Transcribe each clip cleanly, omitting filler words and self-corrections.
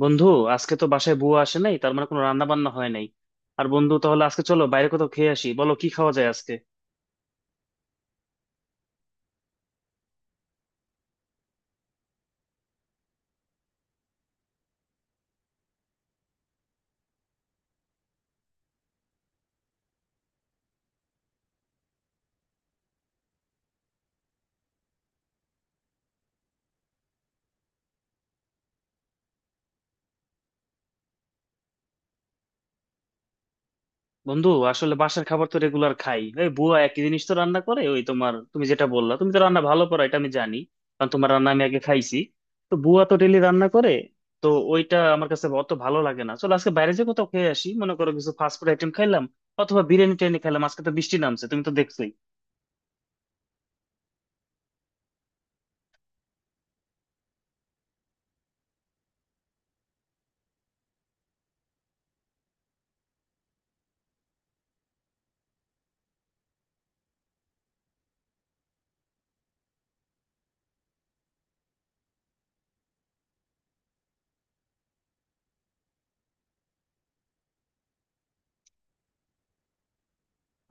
বন্ধু, আজকে তো বাসায় বুয়া আসে নাই, তার মানে কোনো রান্না বান্না হয় নাই। আর বন্ধু তাহলে আজকে চলো বাইরে কোথাও খেয়ে আসি। বলো কি খাওয়া যায় আজকে। বন্ধু আসলে বাসার খাবার তো রেগুলার খাই, এই বুয়া একই জিনিস তো রান্না করে। ওই তোমার, তুমি যেটা বললা, তুমি তো রান্না ভালো করো, এটা আমি জানি, কারণ তোমার রান্না আমি আগে খাইছি। তো বুয়া তো ডেলি রান্না করে, তো ওইটা আমার কাছে অত ভালো লাগে না। চলো আজকে বাইরে যে কোথাও খেয়ে আসি, মনে করো কিছু ফাস্ট ফুড আইটেম খাইলাম অথবা বিরিয়ানি টিরিয়ানি খেলাম। আজকে তো বৃষ্টি নামছে, তুমি তো দেখছো।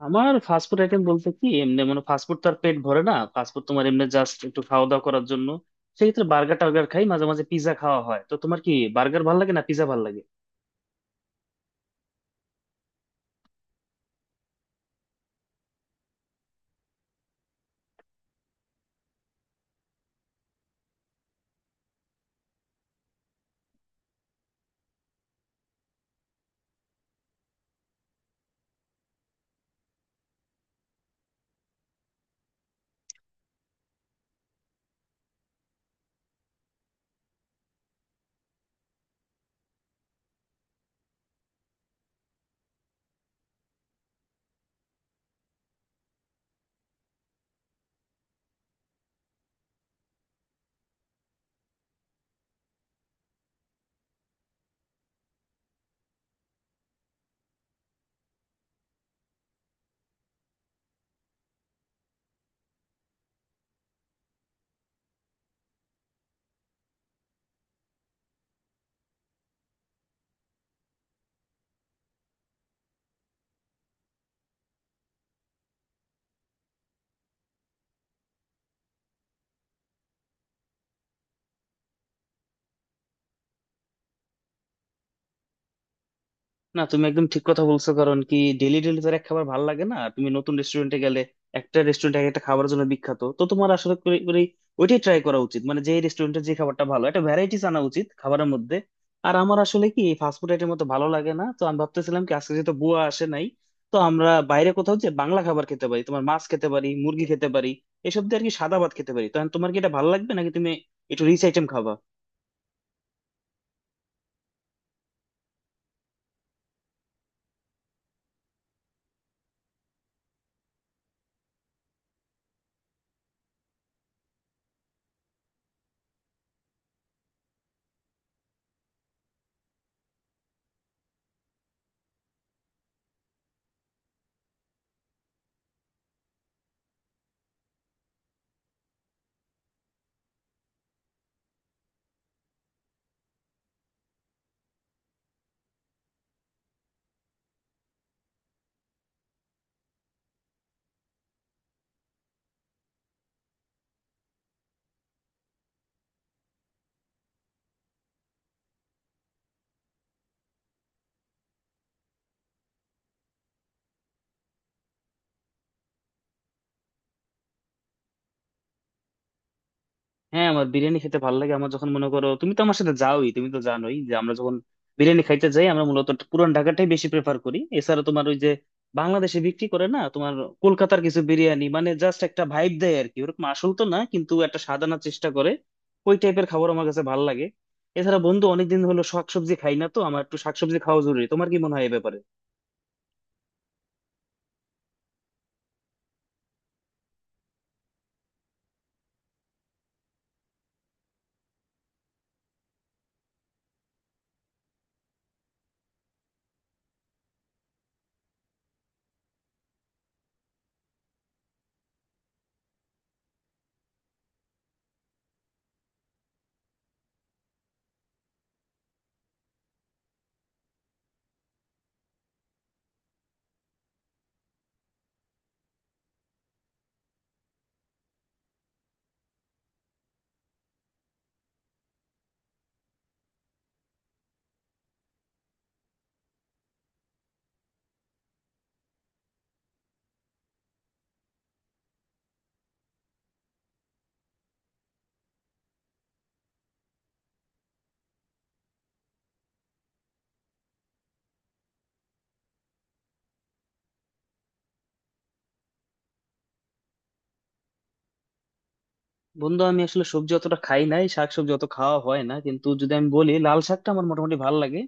আমার ফাস্টফুড আইটেম বলতে কি, এমনি মানে ফাস্টফুড তো আর পেট ভরে না, ফাস্টফুড তোমার এমনি জাস্ট একটু খাওয়া দাওয়া করার জন্য। সেক্ষেত্রে বার্গার টার্গার খাই, মাঝে মাঝে পিৎজা খাওয়া হয়। তো তোমার কি বার্গার ভাল লাগে না পিৎজা ভাল লাগে? না, তুমি একদম ঠিক কথা বলছো, কারণ কি ডেলি ডেলি তো আর এক খাবার ভালো লাগে না। তুমি নতুন রেস্টুরেন্টে গেলে, একটা রেস্টুরেন্ট এক একটা খাবারের জন্য বিখ্যাত, তো তোমার আসলে করে করে ওইটাই ট্রাই করা উচিত, মানে যে রেস্টুরেন্টে যে খাবারটা ভালো, একটা ভ্যারাইটিস আনা উচিত খাবারের মধ্যে। আর আমার আসলে কি ফাস্টফুড আইটেম মতো ভালো লাগে না, তো আমি ভাবতেছিলাম কি আজকে যেহেতু বুয়া আসে নাই, তো আমরা বাইরে কোথাও যে বাংলা খাবার খেতে পারি। তোমার মাছ খেতে পারি, মুরগি খেতে পারি, এসব দিয়ে আর কি সাদা ভাত খেতে পারি। তো তোমার কি এটা ভালো লাগবে, নাকি তুমি একটু রিচ আইটেম খাবা? হ্যাঁ, আমার বিরিয়ানি খেতে ভালো লাগে। আমার যখন, মনে করো তুমি তো আমার সাথে যাওই, তুমি তো জানোই যে আমরা যখন বিরিয়ানি খাইতে যাই, আমরা মূলত পুরান ঢাকাটাই বেশি প্রেফার করি। এছাড়া তোমার ওই যে বাংলাদেশে বিক্রি করে না, তোমার কলকাতার কিছু বিরিয়ানি, মানে জাস্ট একটা ভাইব দেয় আর কি, ওরকম আসল তো না, কিন্তু একটা স্বাদ আনার চেষ্টা করে। ওই টাইপের খাবার আমার কাছে ভালো লাগে। এছাড়া বন্ধু, অনেকদিন হলো শাকসবজি খাই না, তো আমার একটু শাকসবজি খাওয়া জরুরি। তোমার কি মনে হয় এ ব্যাপারে? বন্ধু আমি আসলে সবজি অতটা খাই নাই, শাকসবজি অত খাওয়া হয় না, কিন্তু যদি আমি বলি লাল শাকটা আমার মোটামুটি ভালো লাগে,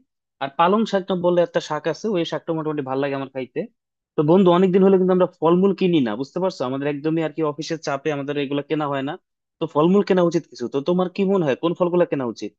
আর পালং শাকটা বলে একটা শাক আছে, ওই শাকটা মোটামুটি ভালো লাগে আমার খাইতে। তো বন্ধু, অনেকদিন হলো কিন্তু আমরা ফলমূল কিনি না, বুঝতে পারছো, আমাদের একদমই আর কি অফিসের চাপে আমাদের এগুলো কেনা হয় না। তো ফলমূল কেনা উচিত কিছু। তো তোমার কি মনে হয় কোন ফলগুলো কেনা উচিত?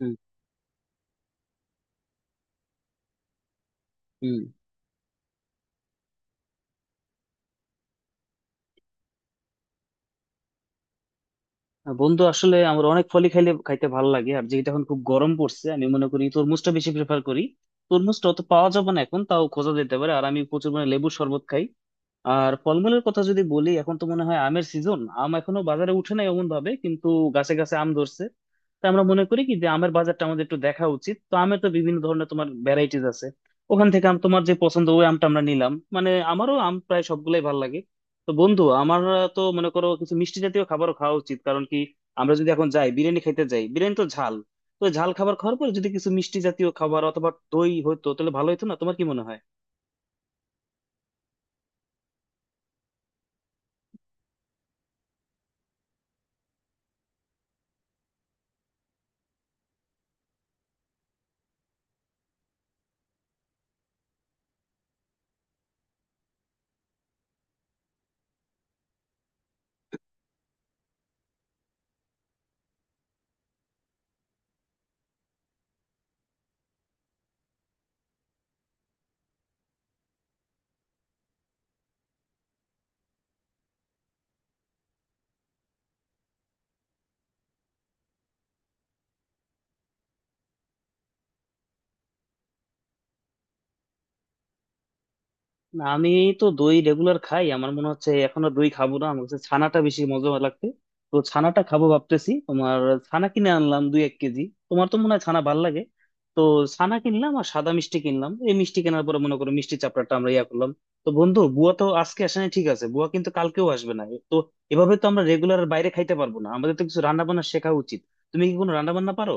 হুম, হুম, বন্ধু আসলে আমার অনেক ফলই খাইলে খাইতে ভালো লাগে। আর যেহেতু এখন খুব গরম পড়ছে, আমি মনে করি তরমুজটা বেশি প্রেফার করি। তরমুজটা অত পাওয়া যাবে না এখন, তাও খোঁজা যেতে পারে। আর আমি প্রচুর মানে লেবুর শরবত খাই। আর ফলমূলের কথা যদি বলি, এখন তো মনে হয় আমের সিজন, আম এখনো বাজারে উঠে নাই এমন ভাবে, কিন্তু গাছে গাছে আম ধরছে। তাই আমরা মনে করি কি যে আমের বাজারটা আমাদের একটু দেখা উচিত। তো আমের তো বিভিন্ন ধরনের তোমার ভ্যারাইটিস আছে, ওখান থেকে আম তোমার যে পছন্দ ওই আমটা আমরা নিলাম, মানে আমারও আম প্রায় সবগুলাই ভালো লাগে। তো বন্ধু আমার তো মনে করো কিছু মিষ্টি জাতীয় খাবারও খাওয়া উচিত, কারণ কি আমরা যদি এখন যাই বিরিয়ানি খাইতে যাই, বিরিয়ানি তো ঝাল, তো ঝাল খাবার খাওয়ার পর যদি কিছু মিষ্টি জাতীয় খাবার অথবা দই হতো তাহলে ভালো হতো না? তোমার কি মনে হয়? না, আমি তো দই রেগুলার খাই, আমার মনে হচ্ছে এখন আর দই খাবো না, আমার কাছে ছানাটা বেশি মজা লাগবে। তো ছানাটা খাবো ভাবতেছি। তোমার ছানা কিনে আনলাম দুই এক কেজি, তোমার তো মনে হয় ছানা ভাল লাগে। তো ছানা কিনলাম, আর সাদা মিষ্টি কিনলাম। এই মিষ্টি কেনার পরে মনে করো মিষ্টি চাপড়াটা আমরা ইয়া করলাম। তো বন্ধু, বুয়া তো আজকে আসে নাই ঠিক আছে, বুয়া কিন্তু কালকেও আসবে না। তো এভাবে তো আমরা রেগুলার বাইরে খাইতে পারবো না, আমাদের তো কিছু রান্না বান্না শেখা উচিত। তুমি কি কোনো রান্না বান্না পারো?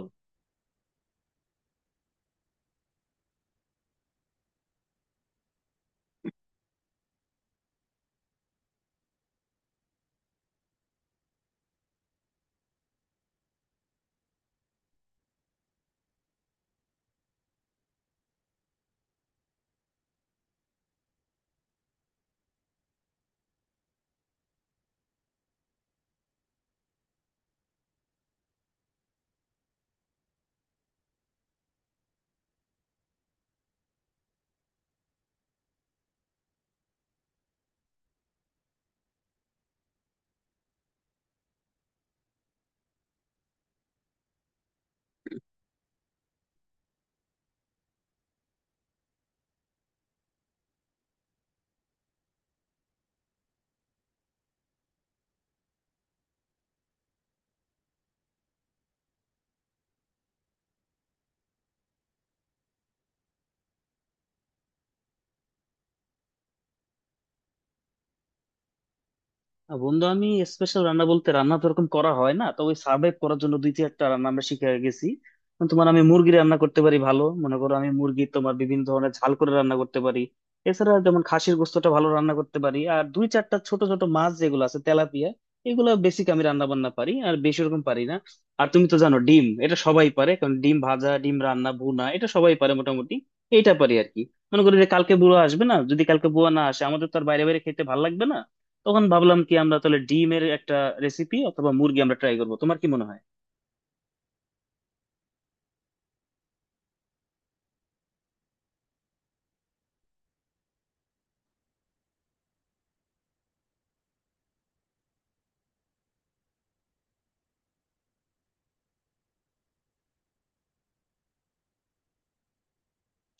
না, বন্ধু আমি স্পেশাল রান্না বলতে রান্না তো এরকম করা হয় না, তবে সার্ভাইভ করার জন্য দুই একটা রান্না আমরা শিখে গেছি। যেমন তোমার আমি মুরগি রান্না করতে পারি ভালো, মনে করো আমি মুরগি তোমার বিভিন্ন ধরনের ঝাল করে রান্না করতে পারি। এছাড়া যেমন খাসির গোস্তটা ভালো রান্না করতে পারি, আর দুই চারটা ছোট ছোট মাছ যেগুলো আছে তেলাপিয়া, এগুলো বেসিক আমি রান্না বান্না পারি। আর বেশি ওরকম পারি না। আর তুমি তো জানো ডিম, এটা সবাই পারে, কারণ ডিম ভাজা, ডিম রান্না, ভুনা, এটা সবাই পারে মোটামুটি। এইটা পারি আর কি। মনে করি যে কালকে বুয়া আসবে না, যদি কালকে বুয়া না আসে, আমাদের তো আর বাইরে বাইরে খেতে ভালো লাগবে না। তখন ভাবলাম কি আমরা তাহলে ডিমের একটা রেসিপি অথবা মুরগি আমরা ট্রাই করবো। তোমার কি মনে হয়?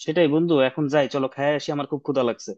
সেটাই বন্ধু, এখন যাই, চলো খেয়ে আসি, আমার খুব ক্ষুধা লাগছে।